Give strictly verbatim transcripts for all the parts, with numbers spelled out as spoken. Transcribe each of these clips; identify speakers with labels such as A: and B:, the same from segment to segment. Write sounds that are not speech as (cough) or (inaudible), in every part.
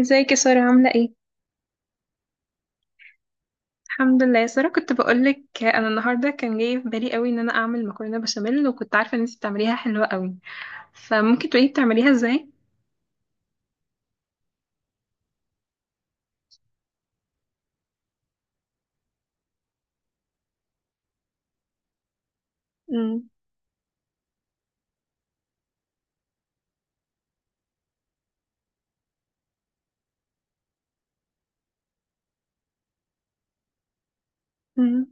A: ازيك يا سارة عاملة ايه؟ الحمد لله يا سارة، كنت بقولك انا النهاردة كان جاي في بالي قوي ان انا اعمل مكرونة بشاميل، وكنت عارفة ان انتي بتعمليها حلوة قوي. فممكن تقولي بتعمليها ازاي؟ مم. مم.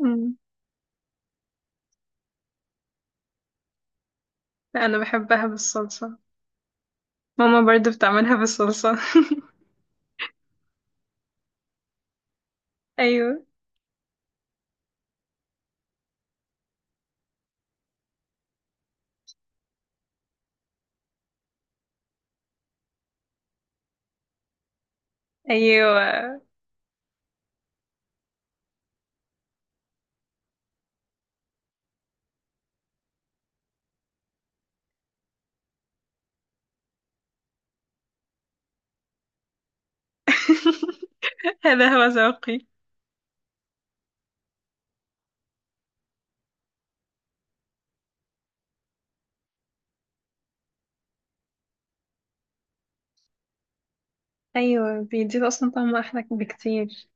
A: مم. لا انا بحبها بالصلصة. ماما برضو بتعملها بالصلصة. (laughs) ايوه. ايوه (laughs) هذا هو ذوقي. ايوه، بيديله اصلا طعم احلى بكتير.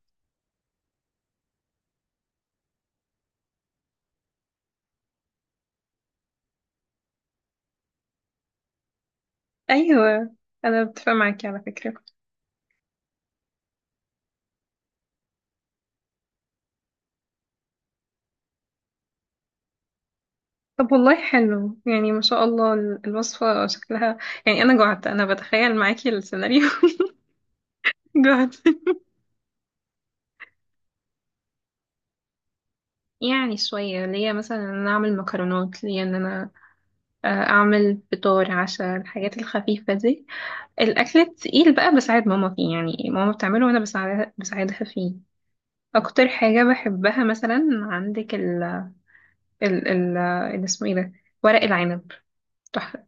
A: ايوه، انا بتفق معاكي على فكرة. طب والله حلو، يعني ما شاء الله ال- الوصفة شكلها، يعني أنا جعت، أنا بتخيل معاكي السيناريو. (laughs) جعت. يعني شوية ليا، مثلا إن أنا أعمل مكرونات، ليا إن أنا آه، أعمل فطار عشاء، الحاجات الخفيفة دي. الأكل التقيل بقى بساعد ماما فيه، يعني ماما بتعمله وأنا بساعدها بساعدها فيه. أكتر حاجة بحبها مثلا عندك ال ال ال ال- اسمه إيه ده، ورق العنب، تحفة.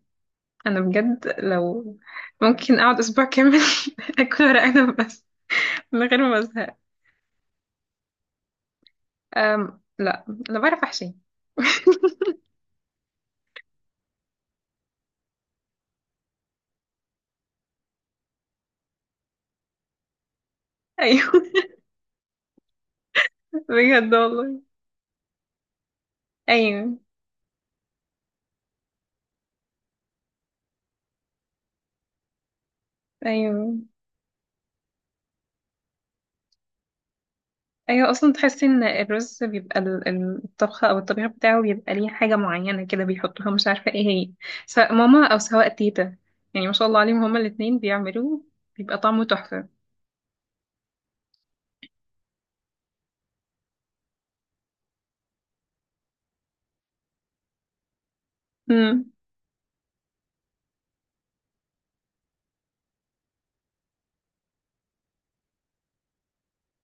A: أنا بجد لو ممكن أقعد أسبوع كامل (laughs) أكل ورق عنب بس، من غير ما ازهق. أم، لا انا بعرف احشي. (laughs) ايوه، بجد والله. ايوه. ايوه. ايوه اصلا تحسي ان الرز بيبقى ال- ال- الطبخه او الطبيخ بتاعه، بيبقى ليه حاجه معينه كده بيحطوها، مش عارفه ايه هي، سواء ماما او سواء تيتا. يعني ما شاء الله عليهم، هما الاتنين بيعملوه. بيبقى طعمه تحفه. امم.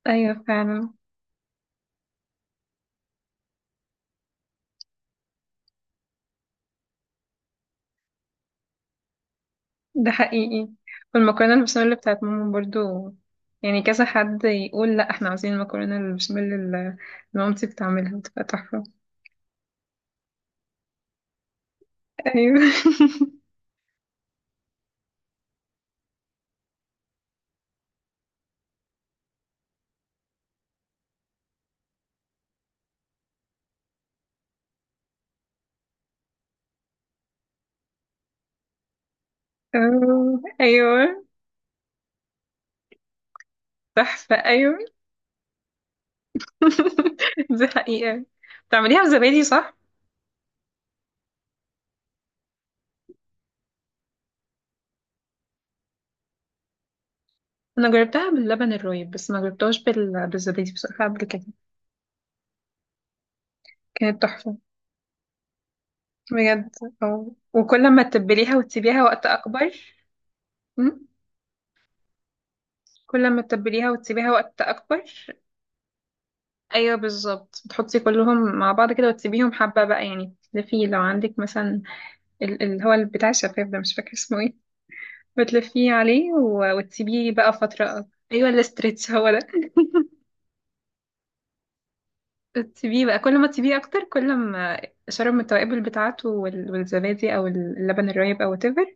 A: ايوه فعلا. ده حقيقي. والمكرونة البشاميل بتاعت ماما برضو، يعني كذا حد يقول لا احنا عايزين المكرونة البشاميل اللي مامتي بتعملها، بتبقى تحفة. ايوه. (laughs) آه، ايوه، تحفة. ايوه. (laughs) دي حقيقة. بتعمليها بزبادي صح؟ انا جربتها باللبن الرايب، بس ما جربتهاش بال... بالزبادي بصراحة قبل كده. كانت تحفة. بجد. اه، وكل ما تتبليها وتسيبيها وقت اكبر. م؟ كل ما تتبليها وتسيبيها وقت اكبر. ايوه بالظبط، بتحطي كلهم مع بعض كده وتسيبيهم حبه بقى، يعني تلفيه لو عندك مثلا ال- اللي هو بتاع الشفاف ده، مش فاكر اسمه ايه، بتلفيه عليه و- وتسيبيه بقى فتره. ايوه الاسترتش هو ده. تسيبيه بقى، كل ما تسيبيه اكتر كل ما شرب من التوابل بتاعته وال- والزبادي او اللبن الرايب او whatever،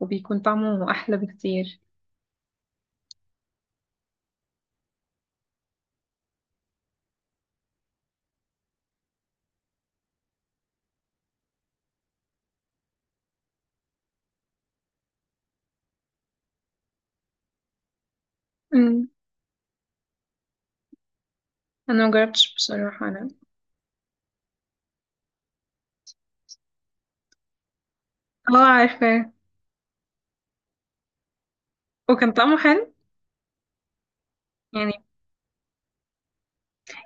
A: وبيكون طعمه احلى بكتير. امم. انا مجربتش بصراحه انا. اه عارفاه. وكان طعمه حلو، يعني،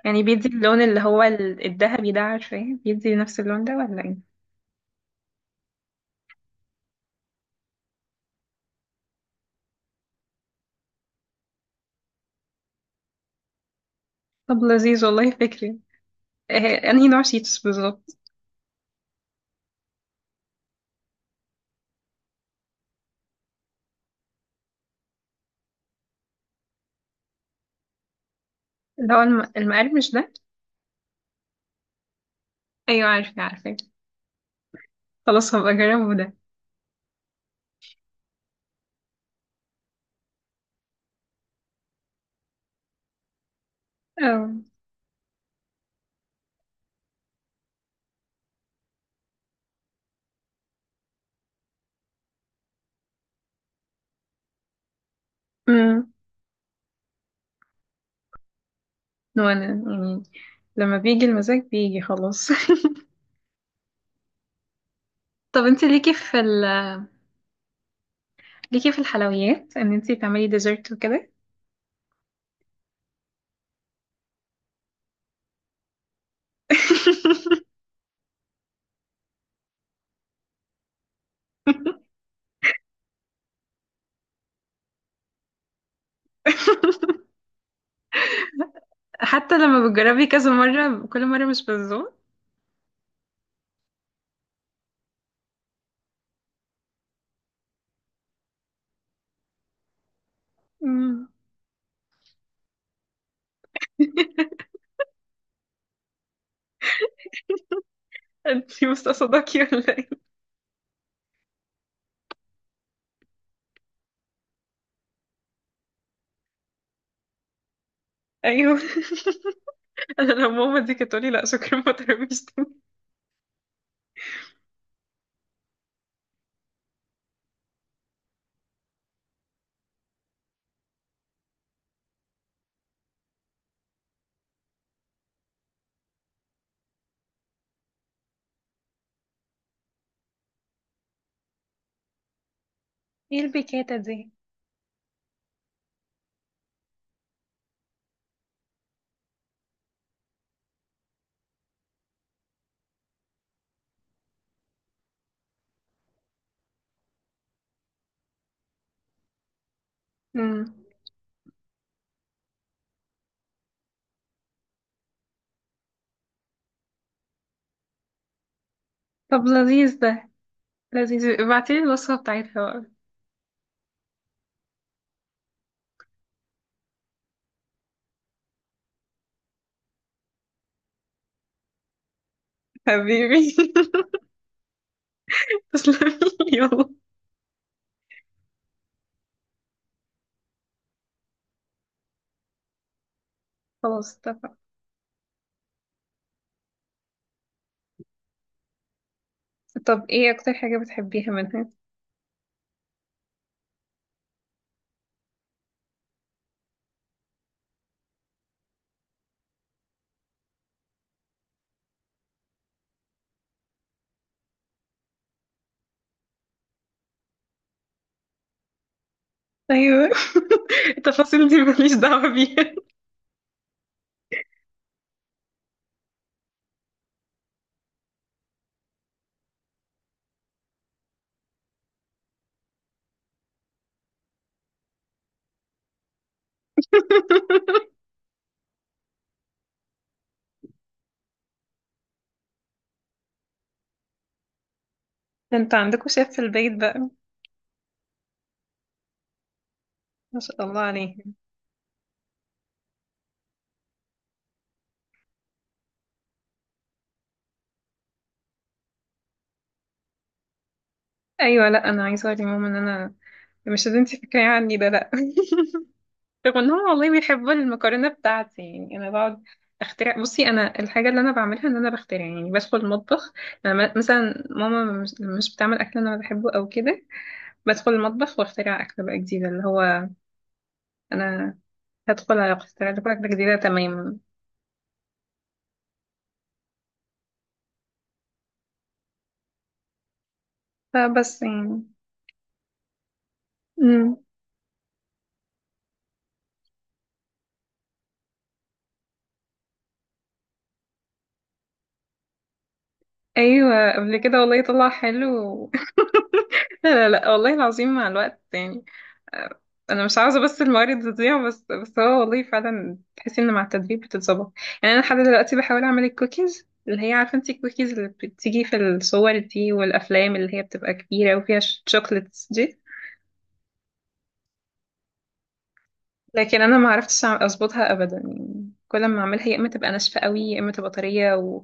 A: يعني بيدي اللون اللي هو ال- الذهبي ده، عارفاه، بيدي نفس اللون ده ولا ايه؟ طب لذيذ والله، فكري آه، انهي نوع شيتوس بالظبط. اللي هو الم- المقرمش ده. ايوه عارفه عارفه. خلاص هبقى اجربه ده. اه. امم. وانا يعني لما بيجي المزاج بيجي خلاص. (laughs) طب انت ليكي في ال... ليكي في الحلويات ان انت تعملي ديزرت وكده؟ (laughs) حتى لما بتجربي كذا مرة كل مرة مش بتظبط؟ أمم. انتي مستصدقي (laughs) ولا ايه؟ ايوه. (laughs) انا لو ماما دي كانت تقولي لا شكرا ما تقربيش. ايه البيكاتة دي؟ مم. طب لذيذ ده، لذيذ، ابعتيلي الوصفة بتاعتها بقى. حبيبي. (laughs) تسلمي. يلا. خلاص اتفقنا. طب ايه اكتر حاجة بتحبيها منها؟ ايوه. (laughs) التفاصيل دي ماليش دعوة بيها. (laughs) ده انتوا عندكوا شيف في البيت بقى. ما شاء الله عليه. ايوه. لا انا عايزة اقول لماما ان انا مش اللي انت فاكراه عني ده، لا. (laughs) رغم ان هو والله بيحب المكرونه بتاعتي، يعني انا بقعد اخترع. بصي انا الحاجه اللي انا بعملها ان انا بخترع، يعني بدخل المطبخ. انا م- مثلا ماما مش مش بتعمل اكل انا بحبه او كده، بدخل المطبخ واخترع اكل بقى جديده اللي هو انا هدخل اخترع لكم اكله جديده تماما. فبس يعني. امم. ايوه قبل كده والله طلع حلو. (laughs) لا لا لا والله العظيم، مع الوقت يعني، انا مش عاوزه بس الموارد تضيع، بس بس هو والله فعلا تحسي ان مع التدريب بتتظبط. يعني انا لحد دلوقتي بحاول اعمل الكوكيز اللي هي، عارفه انت الكوكيز اللي بتيجي في الصور دي والافلام، اللي هي بتبقى كبيره وفيها شوكليتس دي. لكن انا ما عرفتش أع- اظبطها ابدا، يعني كل ما اعملها يا اما تبقى ناشفه قوي يا اما تبقى طريه و...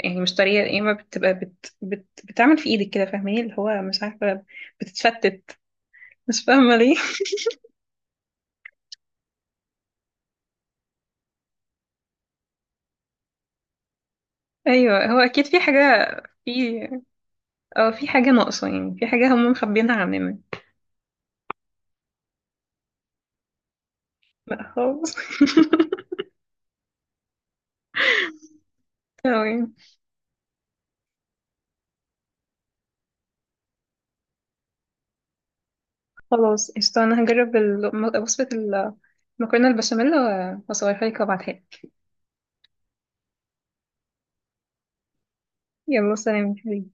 A: يعني مش طريه، يا اما بتبقى بت... بت... بتعمل في ايدك كده، فاهماني، اللي هو مش عارفه بتتفتت، مش فاهمه ليه. (laughs) ايوه هو اكيد في حاجه. في، اه، في حاجة ناقصة، يعني في حاجة هم مخبينها عننا. لا خالص. (laughs) تمام. خلاص قشطة، أنا هجرب الم- وصفة المكرونة البشاميل و- وأصورها لك وأبعتها لك. يلا سلام يا حبيبي.